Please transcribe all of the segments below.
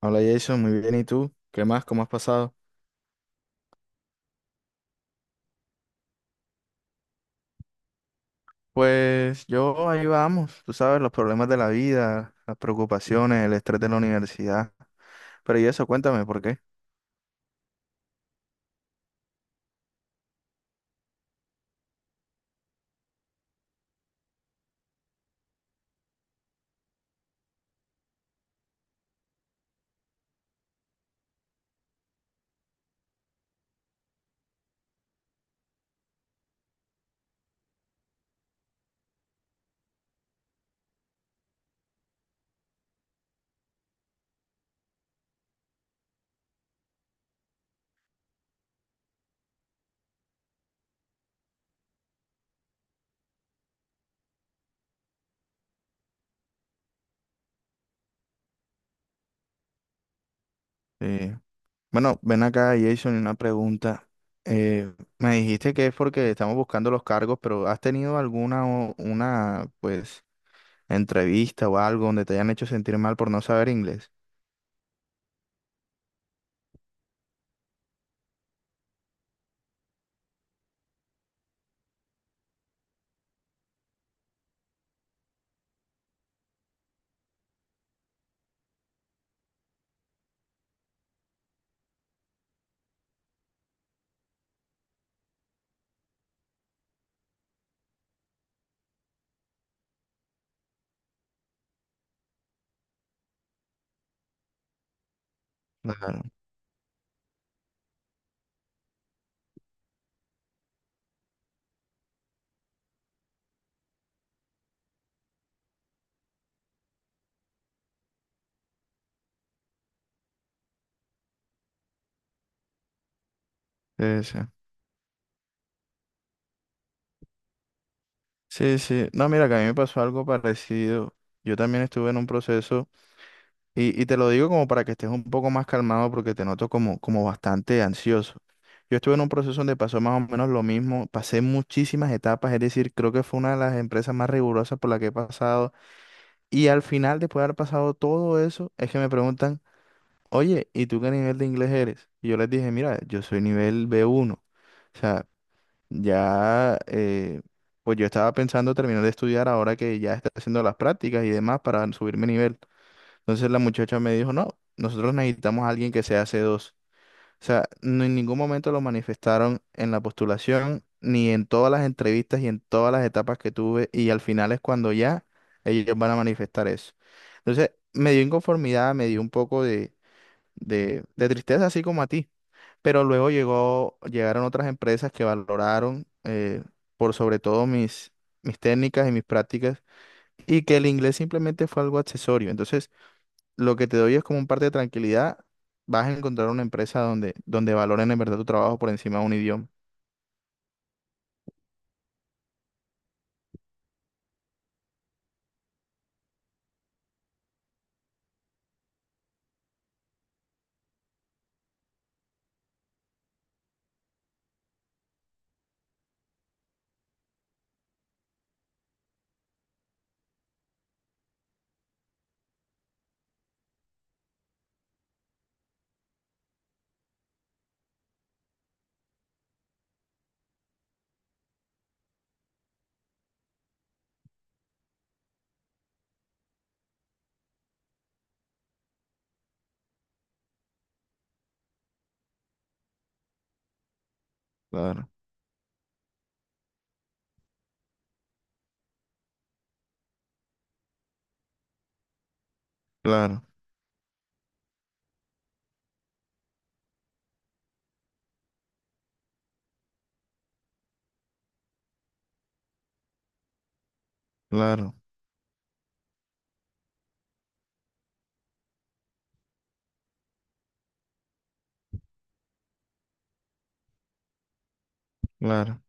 Hola Jason, muy bien. ¿Y tú? ¿Qué más? ¿Cómo has pasado? Pues yo ahí vamos, tú sabes, los problemas de la vida, las preocupaciones, el estrés de la universidad. Pero y eso, cuéntame, ¿por qué? Eh, bueno, ven acá Jason, y una pregunta. Eh, Me dijiste que es porque estamos buscando los cargos, pero ¿has tenido alguna una, pues, entrevista o algo donde te hayan hecho sentir mal por no saber inglés? Claro, sí, sí. Sí, sí. No, mira, que a mí me pasó algo parecido. Yo también estuve en un proceso. Y te lo digo como para que estés un poco más calmado porque te noto como, como bastante ansioso. Yo estuve en un proceso donde pasó más o menos lo mismo, pasé muchísimas etapas, es decir, creo que fue una de las empresas más rigurosas por la que he pasado. Y al final, después de haber pasado todo eso, es que me preguntan, oye, ¿y tú qué nivel de inglés eres? Y yo les dije, mira, yo soy nivel B1. O sea, ya, pues yo estaba pensando terminar de estudiar ahora que ya está haciendo las prácticas y demás para subir mi nivel. Entonces la muchacha me dijo, no, nosotros necesitamos a alguien que sea C2. O sea, no en ningún momento lo manifestaron en la postulación, ni en todas las entrevistas y en todas las etapas que tuve, y al final es cuando ya ellos van a manifestar eso. Entonces me dio inconformidad, me dio un poco de tristeza, así como a ti. Pero luego llegó, llegaron otras empresas que valoraron por sobre todo mis técnicas y mis prácticas, y que el inglés simplemente fue algo accesorio. Entonces, lo que te doy es como un parte de tranquilidad. Vas a encontrar una empresa donde, donde valoren en verdad tu trabajo por encima de un idioma. Claro, claro, claro, claro,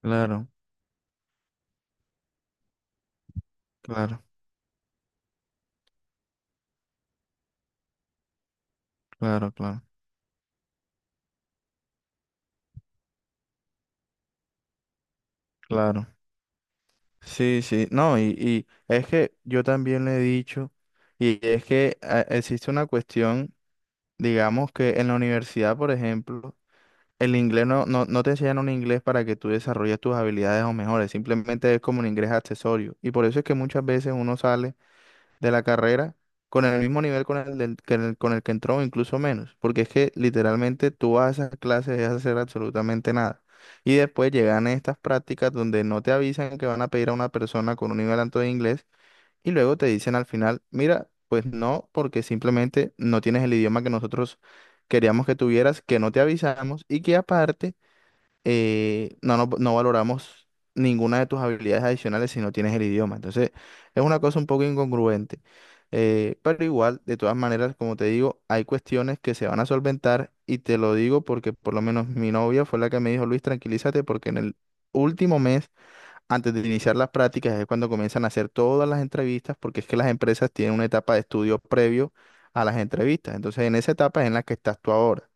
claro, claro, claro, claro, claro. Sí, sí, no, y es que yo también le he dicho, y es que existe una cuestión, digamos que en la universidad, por ejemplo, el inglés no te enseñan un inglés para que tú desarrolles tus habilidades o mejores, simplemente es como un inglés accesorio. Y por eso es que muchas veces uno sale de la carrera con el mismo nivel con el, del- que el- con el que entró, o incluso menos, porque es que literalmente tú vas a esas clases y vas a hacer absolutamente nada. Y después llegan estas prácticas donde no te avisan que van a pedir a una persona con un nivel alto de inglés y luego te dicen al final, mira, pues no, porque simplemente no tienes el idioma que nosotros queríamos que tuvieras, que no te avisamos y que aparte no valoramos ninguna de tus habilidades adicionales si no tienes el idioma. Entonces, es una cosa un poco incongruente. Pero igual, de todas maneras, como te digo, hay cuestiones que se van a solventar y te lo digo porque por lo menos mi novia fue la que me dijo, Luis, tranquilízate porque en el último mes, antes de iniciar las prácticas, es cuando comienzan a hacer todas las entrevistas porque es que las empresas tienen una etapa de estudio previo a las entrevistas. Entonces, en esa etapa es en la que estás tú ahora.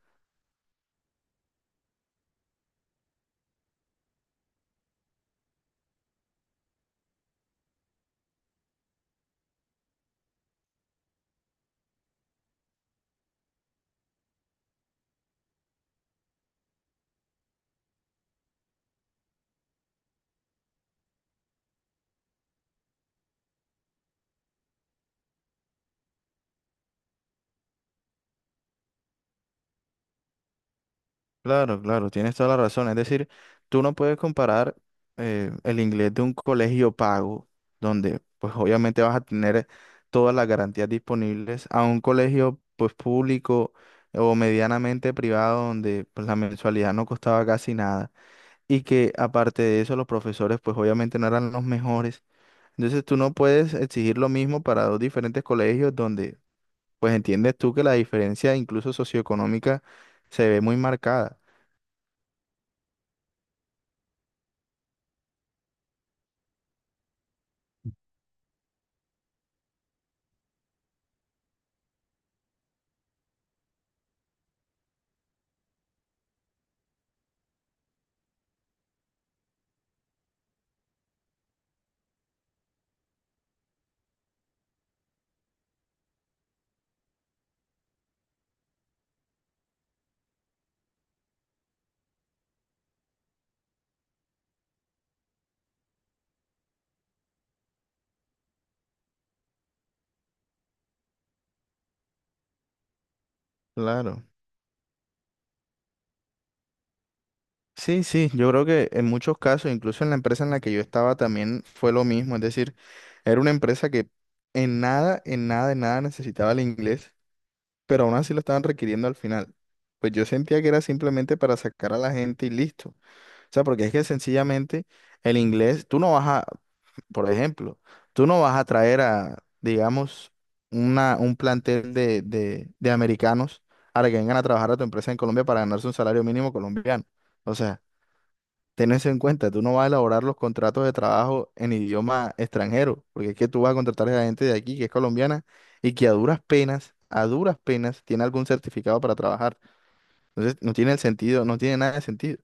Claro, claro, tienes toda la razón. Es decir, tú no puedes comparar el inglés de un colegio pago, donde pues obviamente vas a tener todas las garantías disponibles, a un colegio pues público o medianamente privado, donde pues la mensualidad no costaba casi nada y que aparte de eso los profesores pues obviamente no eran los mejores. Entonces tú no puedes exigir lo mismo para dos diferentes colegios donde pues entiendes tú que la diferencia incluso socioeconómica se ve muy marcada. Claro. Sí, sí, yo creo que en muchos casos, incluso en la empresa en la que yo estaba también fue lo mismo, es decir, era una empresa que en nada, en nada, en nada necesitaba el inglés, pero aún así lo estaban requiriendo al final. Pues yo sentía que era simplemente para sacar a la gente y listo. O sea, porque es que sencillamente el inglés, tú no vas a, por ejemplo, tú no vas a traer a, digamos, un plantel de americanos a que vengan a trabajar a tu empresa en Colombia para ganarse un salario mínimo colombiano. O sea, ten eso en cuenta, tú no vas a elaborar los contratos de trabajo en idioma extranjero, porque es que tú vas a contratar a gente de aquí que es colombiana y que a duras penas, tiene algún certificado para trabajar. Entonces, no tiene el sentido, no tiene nada de sentido.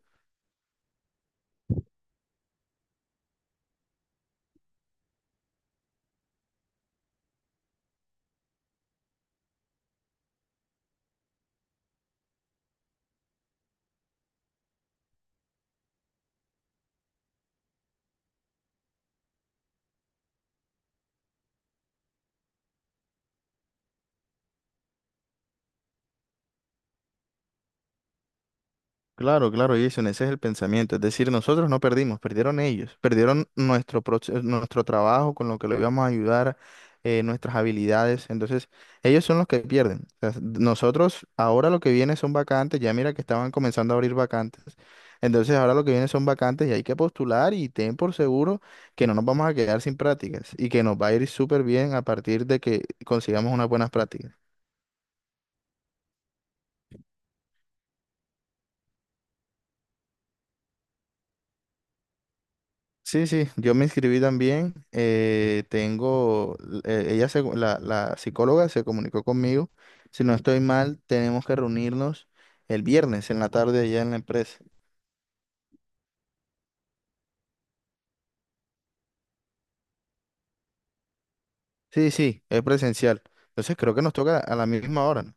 Claro, claro, Jason, ese es el pensamiento. Es decir, nosotros no perdimos, perdieron ellos, perdieron nuestro trabajo con lo que le íbamos a ayudar, nuestras habilidades. Entonces, ellos son los que pierden. O sea, nosotros ahora lo que viene son vacantes, ya mira que estaban comenzando a abrir vacantes. Entonces, ahora lo que viene son vacantes y hay que postular y ten por seguro que no nos vamos a quedar sin prácticas y que nos va a ir súper bien a partir de que consigamos unas buenas prácticas. Sí, sí, yo me inscribí también. Ella la, la psicóloga se comunicó conmigo. Si no estoy mal, tenemos que reunirnos el viernes en la tarde allá en la empresa. Sí, sí, es presencial. Entonces creo que nos toca a la misma hora, ¿no?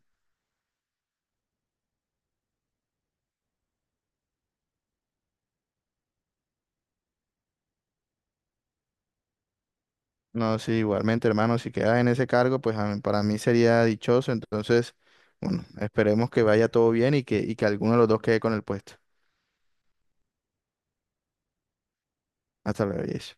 No, sí, igualmente, hermano, si quedas en ese cargo, para mí sería dichoso. Entonces, bueno, esperemos que vaya todo bien y que alguno de los dos quede con el puesto. Hasta luego, Jason.